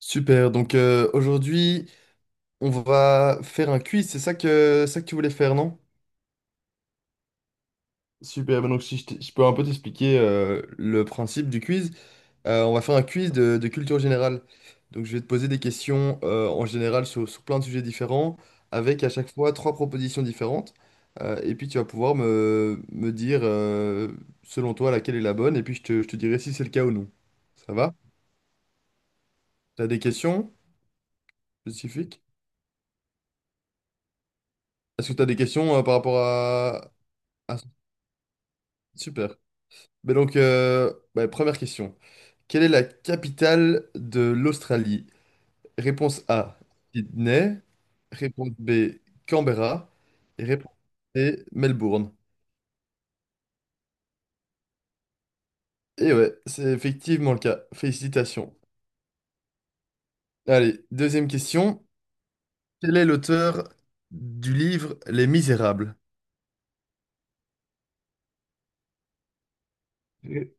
Super, donc aujourd'hui, on va faire un quiz, c'est ça que tu voulais faire, non? Super, ben donc si je, t- je peux un peu t'expliquer le principe du quiz. On va faire un quiz de culture générale. Donc je vais te poser des questions en général sur plein de sujets différents, avec à chaque fois trois propositions différentes. Et puis tu vas pouvoir me dire selon toi laquelle est la bonne, et puis je te dirai si c'est le cas ou non. Ça va? T'as des questions spécifiques? Est-ce que t'as des questions par rapport à... Super. Mais donc, ouais, première question. Quelle est la capitale de l'Australie? Réponse A, Sydney. Réponse B, Canberra. Et réponse C, Melbourne. Et ouais, c'est effectivement le cas. Félicitations. Allez, deuxième question. Quel est l'auteur du livre Les Misérables? Et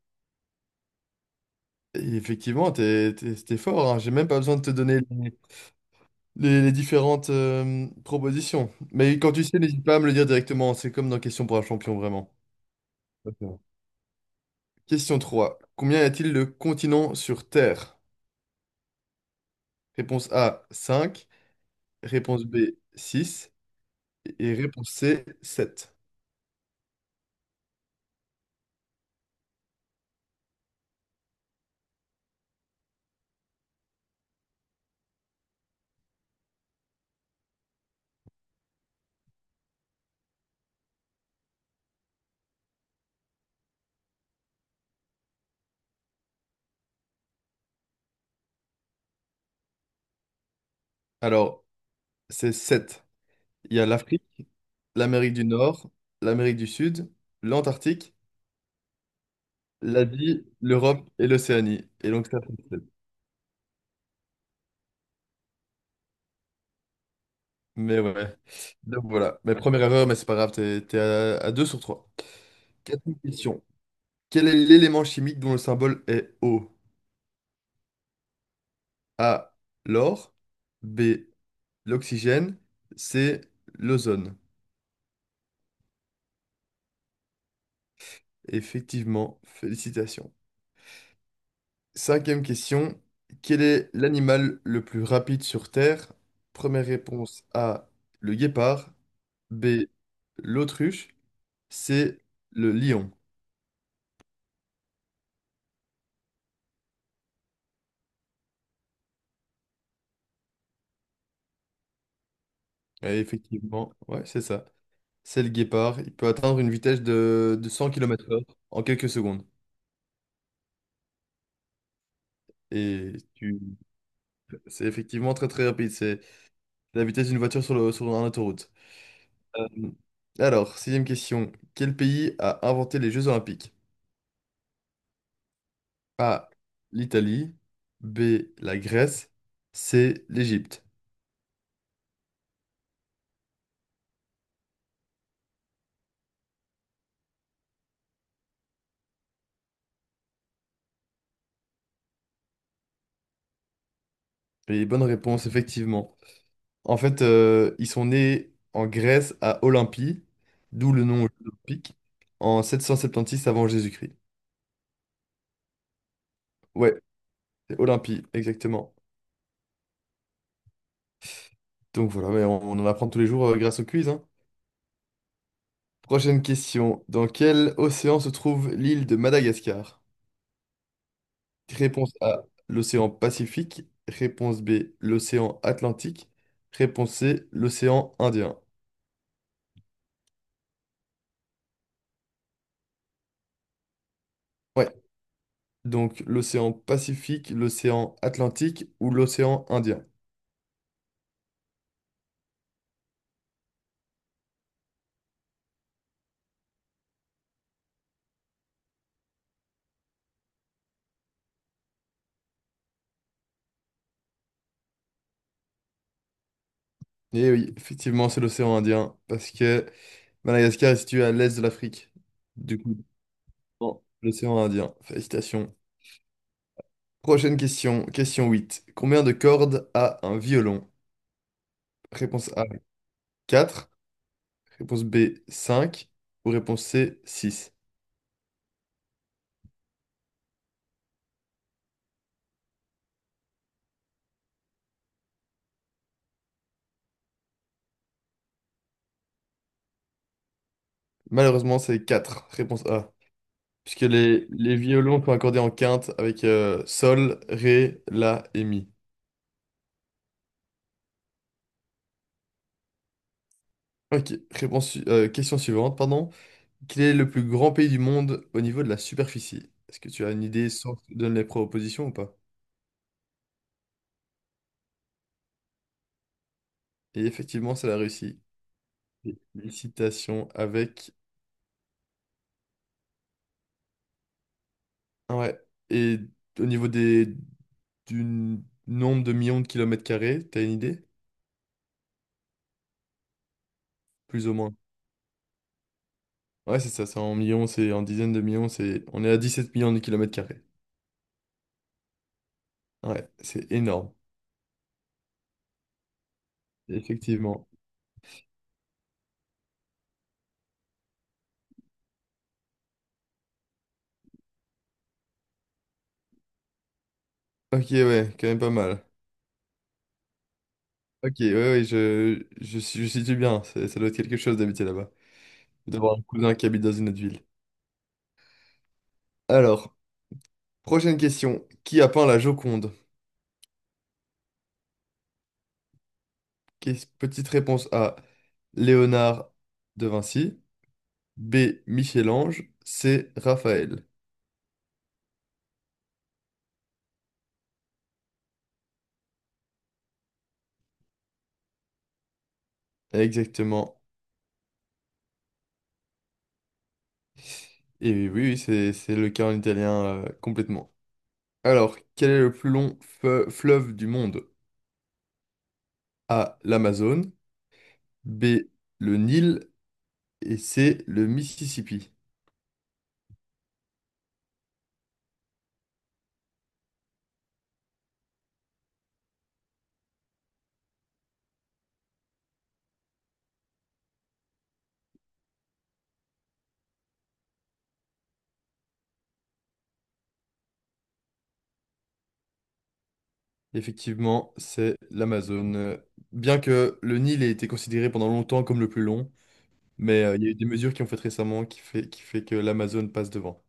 effectivement, t'es fort, hein. J'ai même pas besoin de te donner les différentes propositions. Mais quand tu sais, n'hésite pas à me le dire directement. C'est comme dans Question pour un champion, vraiment. Ok. Question 3. Combien y a-t-il de continents sur Terre? Réponse A, 5. Réponse B, 6. Et réponse C, 7. Alors, c'est 7. Il y a l'Afrique, l'Amérique du Nord, l'Amérique du Sud, l'Antarctique, l'Asie, l'Europe et l'Océanie. Et donc ça fait 7. Mais ouais. Donc voilà. Mais première erreur, mais c'est pas grave, t'es à 2 sur 3. Quatrième question. Quel est l'élément chimique dont le symbole est O? A. L'or. B. L'oxygène. C. L'ozone. Effectivement, félicitations. Cinquième question. Quel est l'animal le plus rapide sur Terre? Première réponse A. Le guépard. B. L'autruche. C. Le lion. Et effectivement, ouais, c'est ça. C'est le guépard. Il peut atteindre une vitesse de 100 kilomètres heure en quelques secondes. Et tu, C'est effectivement très très rapide. C'est la vitesse d'une voiture sur sur un autoroute. Euh, alors, sixième question. Quel pays a inventé les Jeux Olympiques? A. L'Italie. B. La Grèce. C. L'Égypte. Et bonne réponse, effectivement. En fait, ils sont nés en Grèce à Olympie, d'où le nom olympique, en sept cent septante-six avant Jésus-Christ. Ouais, c'est Olympie, exactement. Donc voilà, mais on en apprend tous les jours grâce au quiz, hein. Prochaine question. Dans quel océan se trouve l'île de Madagascar? Réponse A, l'océan Pacifique. Réponse B, l'océan Atlantique. Réponse C, l'océan Indien. Ouais, donc l'océan Pacifique, l'océan Atlantique ou l'océan Indien. Et oui, effectivement, c'est l'océan Indien parce que Madagascar est situé à l'est de l'Afrique. Du coup, bon, l'océan Indien. Félicitations. Prochaine question, question 8. Combien de cordes a un violon? Réponse A, 4. Réponse B, cinq. Ou réponse C, 6. Malheureusement, c'est quatre. Réponse A. Puisque les violons sont accordés en quinte avec sol, ré, la et mi. Ok, question suivante, pardon. Quel est le plus grand pays du monde au niveau de la superficie? Est-ce que tu as une idée sans que je te donne les propositions ou pas? Et effectivement, c'est la Russie. Félicitations avec... Ah ouais. Et au niveau des, du nombre de millions de kilomètres carrés, t'as une idée? Plus ou moins. Ouais, c'est ça, c'est en millions, c'est en dizaines de millions, c'est... On est à 17 millions de kilomètres carrés. Ouais, c'est énorme, effectivement. Ok, ouais, quand même pas mal. Ok, ouais, ouais, je situe bien, c'est- ça doit être quelque chose d'habiter là-bas, d'avoir un cousin qui habite dans une autre ville. Alors, prochaine question, qui a peint la Joconde? Qu'est- Petite réponse A, Léonard de Vinci, B, Michel-Ange, C, Raphaël. Exactement. Et oui, oui, c'est le cas en italien complètement. Alors, quel est le plus long fleuve du monde? A. L'Amazone. B. Le Nil. Et C. Le Mississippi. Effectivement, c'est l'Amazone. Bien que le Nil ait été considéré pendant longtemps comme le plus long, mais il y a eu des mesures qui ont fait récemment qui fait que l'Amazone passe devant.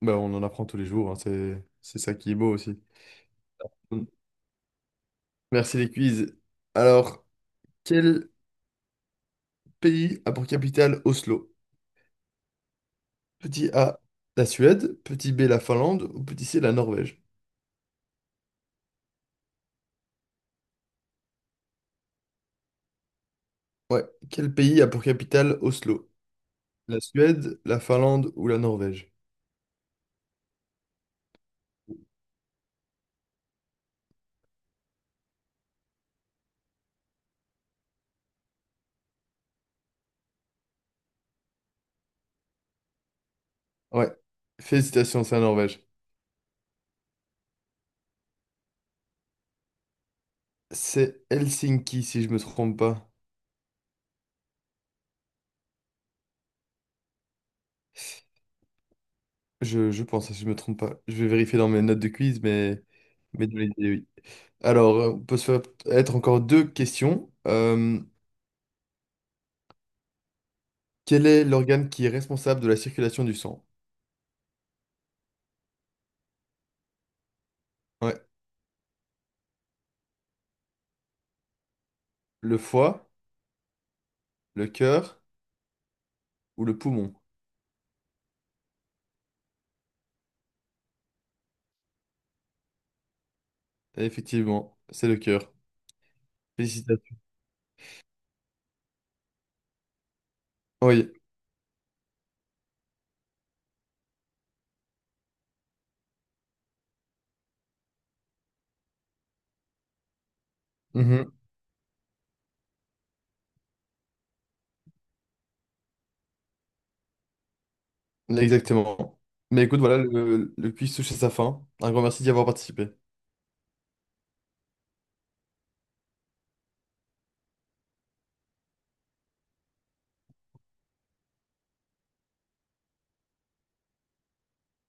Bah, on en apprend tous les jours, hein, c'est ça qui est beau aussi. Merci les quiz. Alors, quel pays a pour capitale Oslo? Petit A, la Suède, petit B, la Finlande ou petit C, la Norvège? Ouais, quel pays a pour capitale Oslo? La Suède, la Finlande ou la Norvège? Ouais, félicitations, c'est la Norvège. C'est Helsinki, si je me trompe pas. Je pense, si je me trompe pas. Je vais vérifier dans mes notes de quiz, mais dans l'idée, oui. Alors, on peut se faire être encore deux questions. Quel est l'organe qui est responsable de la circulation du sang? Ouais. Le foie, le cœur ou le poumon. Effectivement, c'est le cœur. Félicitations. Oui, Mhm. Exactement. Mais écoute, voilà, le quiz touche à sa fin. Un grand merci d'y avoir participé.